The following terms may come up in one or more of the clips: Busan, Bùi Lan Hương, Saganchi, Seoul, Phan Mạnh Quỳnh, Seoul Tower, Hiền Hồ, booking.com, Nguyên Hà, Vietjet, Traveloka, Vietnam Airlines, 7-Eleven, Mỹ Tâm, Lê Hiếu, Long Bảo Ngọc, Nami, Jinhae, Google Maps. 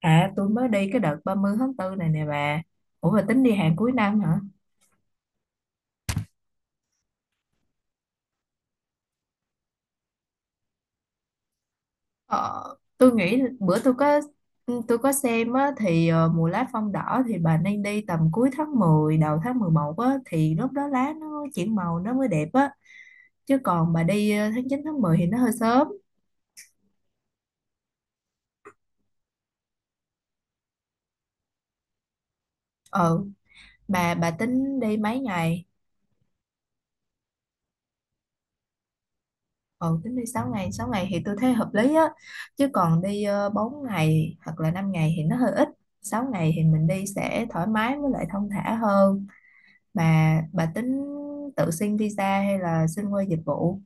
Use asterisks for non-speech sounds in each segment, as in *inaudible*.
À tôi mới đi cái đợt 30 tháng 4 này nè bà. Ủa bà tính đi hàng cuối năm hả? Ờ, tôi nghĩ bữa tôi có xem á, thì mùa lá phong đỏ thì bà nên đi tầm cuối tháng 10 đầu tháng 11 á, thì lúc đó lá nó chuyển màu nó mới đẹp á. Chứ còn bà đi tháng 9 tháng 10 thì nó hơi sớm. Ờ, bà tính đi mấy ngày? Ừ, tính đi 6 ngày, 6 ngày thì tôi thấy hợp lý á, chứ còn đi 4 ngày hoặc là 5 ngày thì nó hơi ít. 6 ngày thì mình đi sẽ thoải mái với lại thong thả hơn. Mà bà tính tự xin visa hay là xin qua dịch vụ?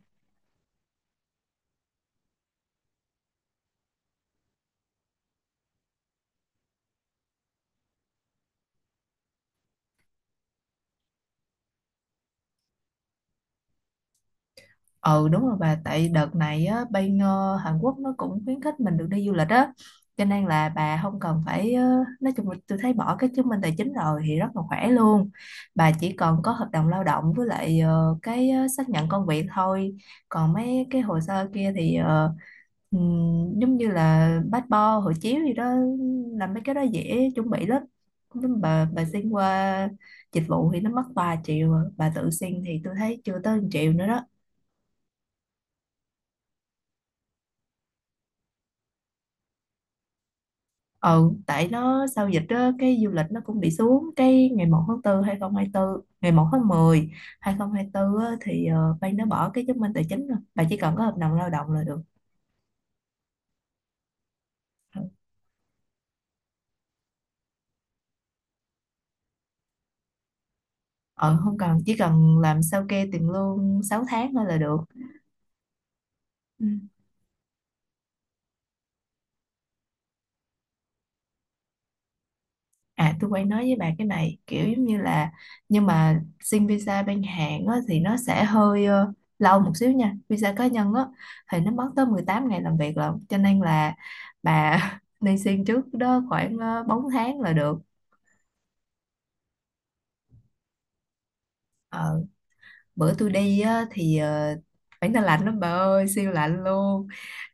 Ừ, đúng rồi bà, tại đợt này á, bên Hàn Quốc nó cũng khuyến khích mình được đi du lịch á, cho nên là bà không cần phải nói chung là tôi thấy bỏ cái chứng minh tài chính rồi thì rất là khỏe luôn. Bà chỉ cần có hợp đồng lao động với lại xác nhận công việc thôi. Còn mấy cái hồ sơ kia thì giống như là passport, hộ chiếu gì đó, làm mấy cái đó dễ chuẩn bị lắm. Nhưng bà xin qua dịch vụ thì nó mất 3 triệu à. Bà tự xin thì tôi thấy chưa tới 1 triệu nữa đó. Ừ, tại nó sau dịch á, cái du lịch nó cũng bị xuống. Cái ngày 1 tháng 4 2024, ngày 1 tháng mười hai không hai 2024 á, thì ban nó bỏ cái chứng minh tài chính rồi, bà chỉ cần có hợp đồng lao động là được. Ừ, ờ, không cần, chỉ cần làm sao kê tiền lương 6 tháng thôi là được. Ừ. À tôi quay nói với bà cái này kiểu giống như là nhưng mà xin visa bên Hàn á, thì nó sẽ hơi lâu một xíu nha. Visa cá nhân á, thì nó mất tới 18 ngày làm việc lận, cho nên là bà *laughs* nên xin trước đó khoảng 4 tháng là được. Ờ, bữa tôi đi á, thì phải, nó lạnh lắm bà ơi, siêu lạnh luôn.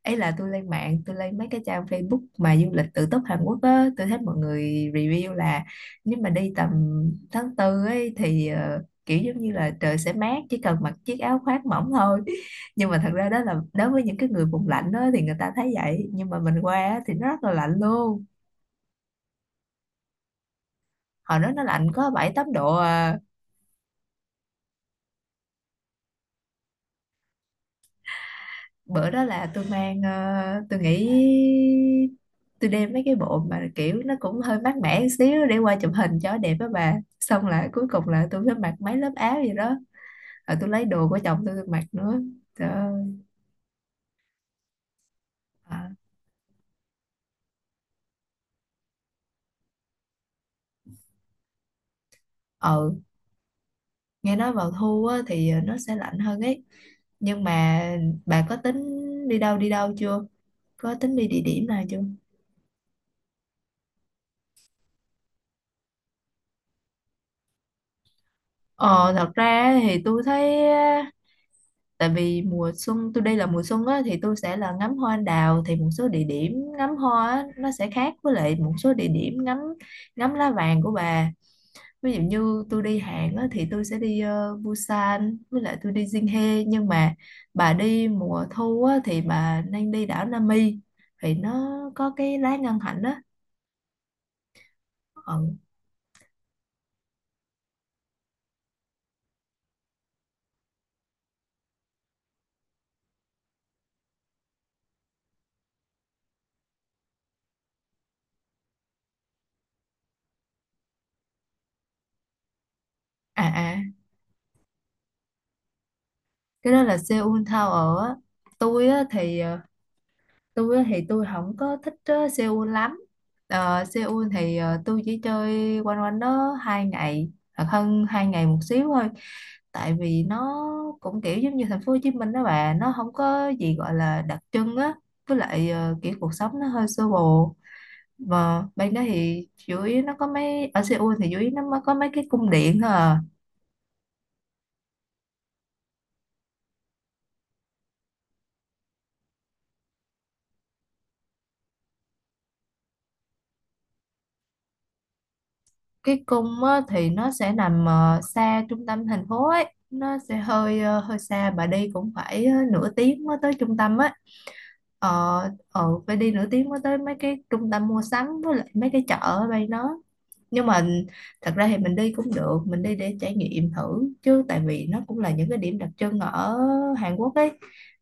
Ấy là tôi lên mạng, tôi lên mấy cái trang Facebook mà du lịch tự túc Hàn Quốc á, tôi thấy mọi người review là nếu mà đi tầm tháng tư ấy thì kiểu giống như là trời sẽ mát, chỉ cần mặc chiếc áo khoác mỏng thôi. *laughs* Nhưng mà thật ra đó là đối với những cái người vùng lạnh đó thì người ta thấy vậy, nhưng mà mình qua á thì nó rất là lạnh luôn. Hồi đó nó lạnh có 7 8 độ à. Bữa đó là tôi mang tôi nghĩ tôi đem mấy cái bộ mà kiểu nó cũng hơi mát mẻ một xíu để qua chụp hình cho đẹp á bà. Xong là cuối cùng là tôi phải mặc mấy lớp áo gì đó, rồi tôi lấy đồ của chồng tôi mặc nữa. Trời ơi. À, ừ, nghe nói vào thu á, thì nó sẽ lạnh hơn ấy, nhưng mà bà có tính đi đâu chưa, có tính đi địa điểm nào chưa? Ờ thật ra thì tôi thấy tại vì mùa xuân tôi đi, là mùa xuân á thì tôi sẽ là ngắm hoa anh đào, thì một số địa điểm ngắm hoa á, nó sẽ khác với lại một số địa điểm ngắm ngắm lá vàng của bà. Ví dụ như tôi đi Hàn á thì tôi sẽ đi Busan với lại tôi đi Jinhae, nhưng mà bà đi mùa thu á thì bà nên đi đảo Nami, thì nó có cái lá ngân hạnh á. Ừ. À, à, cái đó là Seoul Tower á. Tôi á thì ờ, tôi á thì tôi không có thích Seoul lắm. Ờ, Seoul thì tôi chỉ chơi quanh quanh đó 2 ngày hoặc hơn 2 ngày một xíu thôi, tại vì nó cũng kiểu giống như thành phố Hồ Chí Minh đó bà, nó không có gì gọi là đặc trưng á. Với lại kiểu cuộc sống nó hơi sơ bộ, và bên đó thì chủ yếu nó có mấy, ở Seoul thì chủ yếu nó mới có mấy cái cung điện thôi à. Cái cung á, thì nó sẽ nằm xa trung tâm thành phố ấy, nó sẽ hơi hơi xa, bà đi cũng phải nửa tiếng mới tới trung tâm á. Ờ, ờ, phải đi nửa tiếng mới tới mấy cái trung tâm mua sắm với lại mấy cái chợ ở đây nó, nhưng mà thật ra thì mình đi cũng được, mình đi để trải nghiệm thử chứ, tại vì nó cũng là những cái điểm đặc trưng ở Hàn Quốc ấy,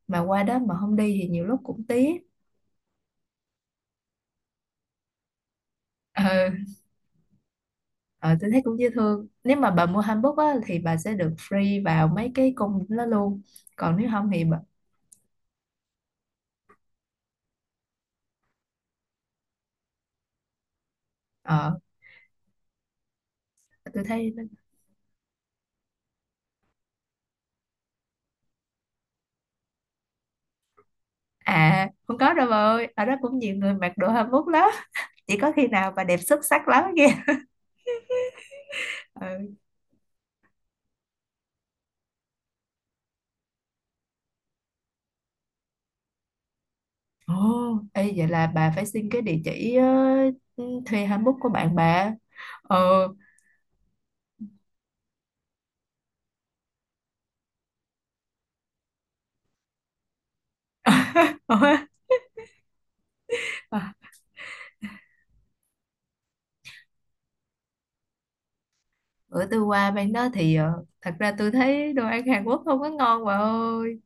mà qua đó mà không đi thì nhiều lúc cũng tiếc. Ừ. Ờ, tôi thấy cũng dễ thương. Nếu mà bà mua hanbok á, thì bà sẽ được free vào mấy cái cung đó luôn. Còn nếu không thì bà, ờ, tôi thấy nó- À không có đâu bà ơi. Ở đó cũng nhiều người mặc đồ hanbok lắm. Chỉ có khi nào bà đẹp xuất sắc lắm kìa. *laughs* Ừ. Ồ, ê, vậy là bà phải xin cái địa chỉ thuê hanbok của bạn bà. Ờ. *laughs* Ờ, bữa tôi qua bên đó thì thật ra tôi thấy đồ ăn Hàn Quốc không có ngon bà ơi.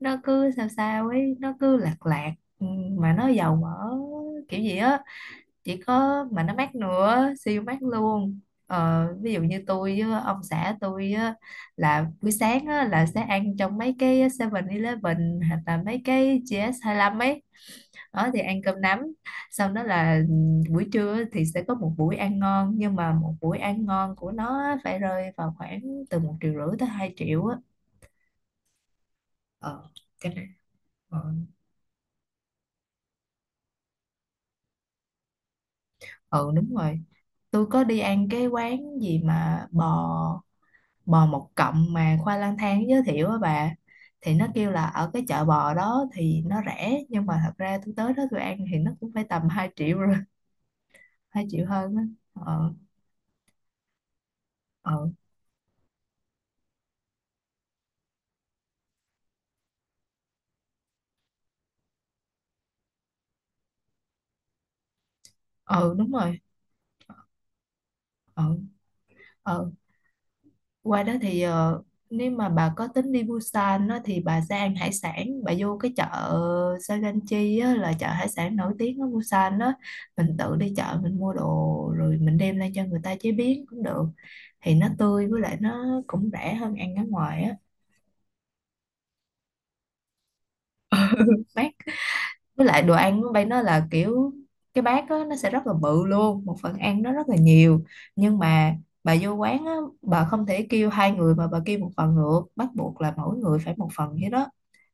Nó cứ sao sao ấy, nó cứ lạc lạc, ừ, mà nó dầu mỡ kiểu gì á, chỉ có mà nó mát nữa, siêu mát luôn. Ờ, ví dụ như tôi với ông xã tôi á, là buổi sáng á, là sẽ ăn trong mấy cái 7-Eleven hoặc là mấy cái gs lăm ấy đó, thì ăn cơm nắm. Sau đó là buổi trưa á thì sẽ có một buổi ăn ngon, nhưng mà một buổi ăn ngon của nó á phải rơi vào khoảng từ 1,5 triệu tới 2 triệu á. Ờ, cái này, ờ, ừ, đúng rồi. Tôi có đi ăn cái quán gì mà bò, bò một cọng mà khoa lang thang giới thiệu á bà, thì nó kêu là ở cái chợ bò đó thì nó rẻ, nhưng mà thật ra tôi tới đó tôi ăn thì nó cũng phải tầm 2 triệu rồi. *laughs* 2 triệu hơn á. ờ ờ ờ Đúng rồi. ờ ờ Qua đó thì nếu mà bà có tính đi Busan á, thì bà sẽ ăn hải sản, bà vô cái chợ Saganchi á, là chợ hải sản nổi tiếng ở Busan đó. Mình tự đi chợ, mình mua đồ rồi mình đem lên cho người ta chế biến cũng được, thì nó tươi với lại nó cũng rẻ hơn ăn ở ngoài á. Bác, với lại đồ ăn ở đây nó là kiểu cái bát á, nó sẽ rất là bự luôn, một phần ăn nó rất là nhiều, nhưng mà bà vô quán á, bà không thể kêu hai người mà bà kêu một phần được, bắt buộc là mỗi người phải một phần vậy đó.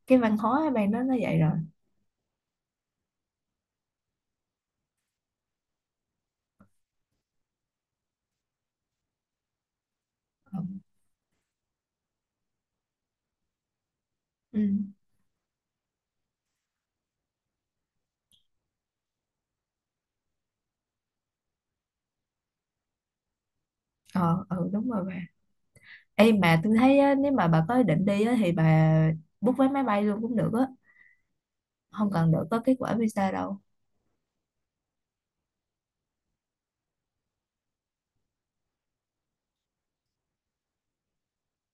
Cái văn hóa bạn đó nó vậy rồi. Ừ. Ừ. ờ ừ, đúng rồi bà. Ê mà tôi thấy á, nếu mà bà có ý định đi á, thì bà book vé máy bay luôn cũng được á, không cần đợi có kết quả visa đâu.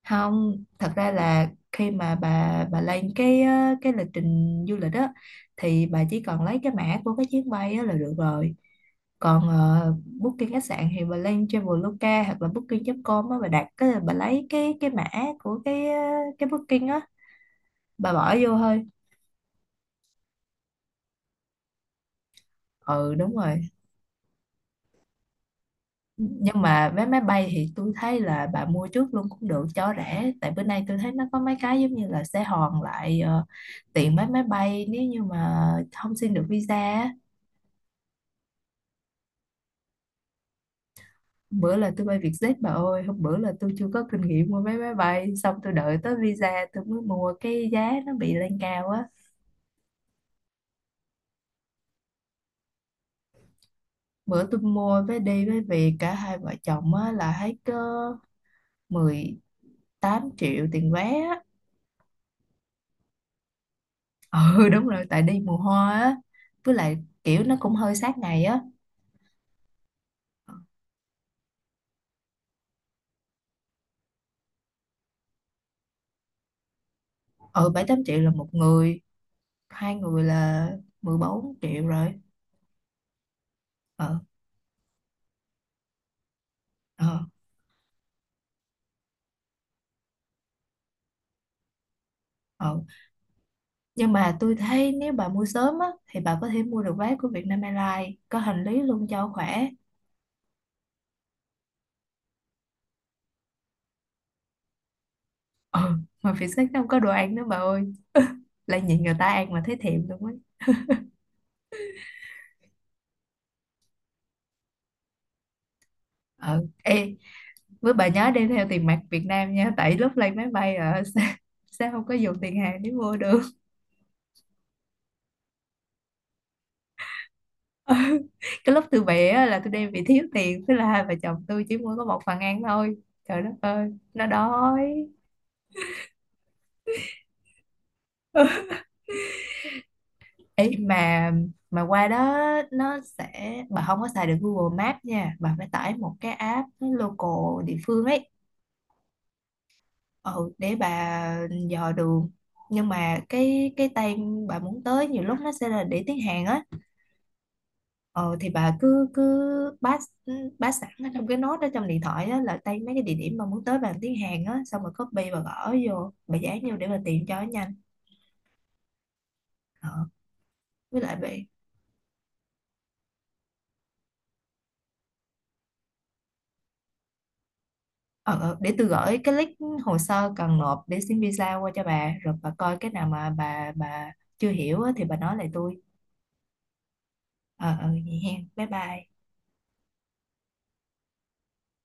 Không, thật ra là khi mà bà lên cái á, cái lịch trình du lịch á, thì bà chỉ cần lấy cái mã của cái chuyến bay á, là được rồi. Còn booking khách sạn thì bà lên Traveloka hoặc là booking.com á, bà đặt cái, bà lấy cái mã của cái cái booking á, bà bỏ vô thôi. Ừ, đúng rồi. Nhưng mà vé máy bay thì tôi thấy là bà mua trước luôn cũng được cho rẻ, tại bữa nay tôi thấy nó có mấy cái giống như là sẽ hoàn lại tiền vé máy bay nếu như mà không xin được visa á. Hôm bữa là tôi bay Vietjet bà ơi. Hôm bữa là tôi chưa có kinh nghiệm mua vé máy bay, xong tôi đợi tới visa tôi mới mua cái giá nó bị lên cao á. Bữa tôi mua vé đi với về cả hai vợ chồng á là hết có 18 triệu tiền vé á. *laughs* Ừ, đúng rồi, tại đi mùa hoa á, với lại kiểu nó cũng hơi sát ngày á. Ừ, 7 8 triệu là một người, hai người là 14 triệu rồi. ờ ờ ờ nhưng mà tôi thấy nếu bà mua sớm á thì bà có thể mua được vé của Vietnam Airlines có hành lý luôn cho khỏe. Ờ, mà phía sách nó không có đồ ăn nữa bà ơi, lại nhìn người ta ăn mà thấy thèm luôn ấy. Ờ ê Với bà nhớ đem theo tiền mặt Việt Nam nha, tại lúc lên máy bay ở *laughs* sẽ không có dùng tiền hàng để mua được. *laughs* Ừ. Cái lúc tôi bé á, là tôi đem bị thiếu tiền, thế là hai vợ chồng tôi chỉ mua có một phần ăn thôi, trời đất ơi nó đói. *laughs* Ê, mà qua đó nó sẽ, bà không có xài được Google Maps nha, bà phải tải một cái app local địa phương ấy. Ừ, để bà dò đường. Nhưng mà cái tay bà muốn tới nhiều lúc nó sẽ là để tiếng Hàn á. Ờ thì bà cứ cứ bát, bát sẵn ở trong cái nốt đó trong điện thoại á, là tay mấy cái địa điểm mà muốn tới bằng tiếng Hàn á, xong rồi copy và gõ vô, bà dán vô để bà tìm cho nó nhanh. Ờ, với lại bà, ờ, ờ, để tôi gửi cái link hồ sơ cần nộp để xin visa qua cho bà, rồi bà coi cái nào mà bà chưa hiểu á, thì bà nói lại tôi. Ờ, ờ, vậy hen, bye bye.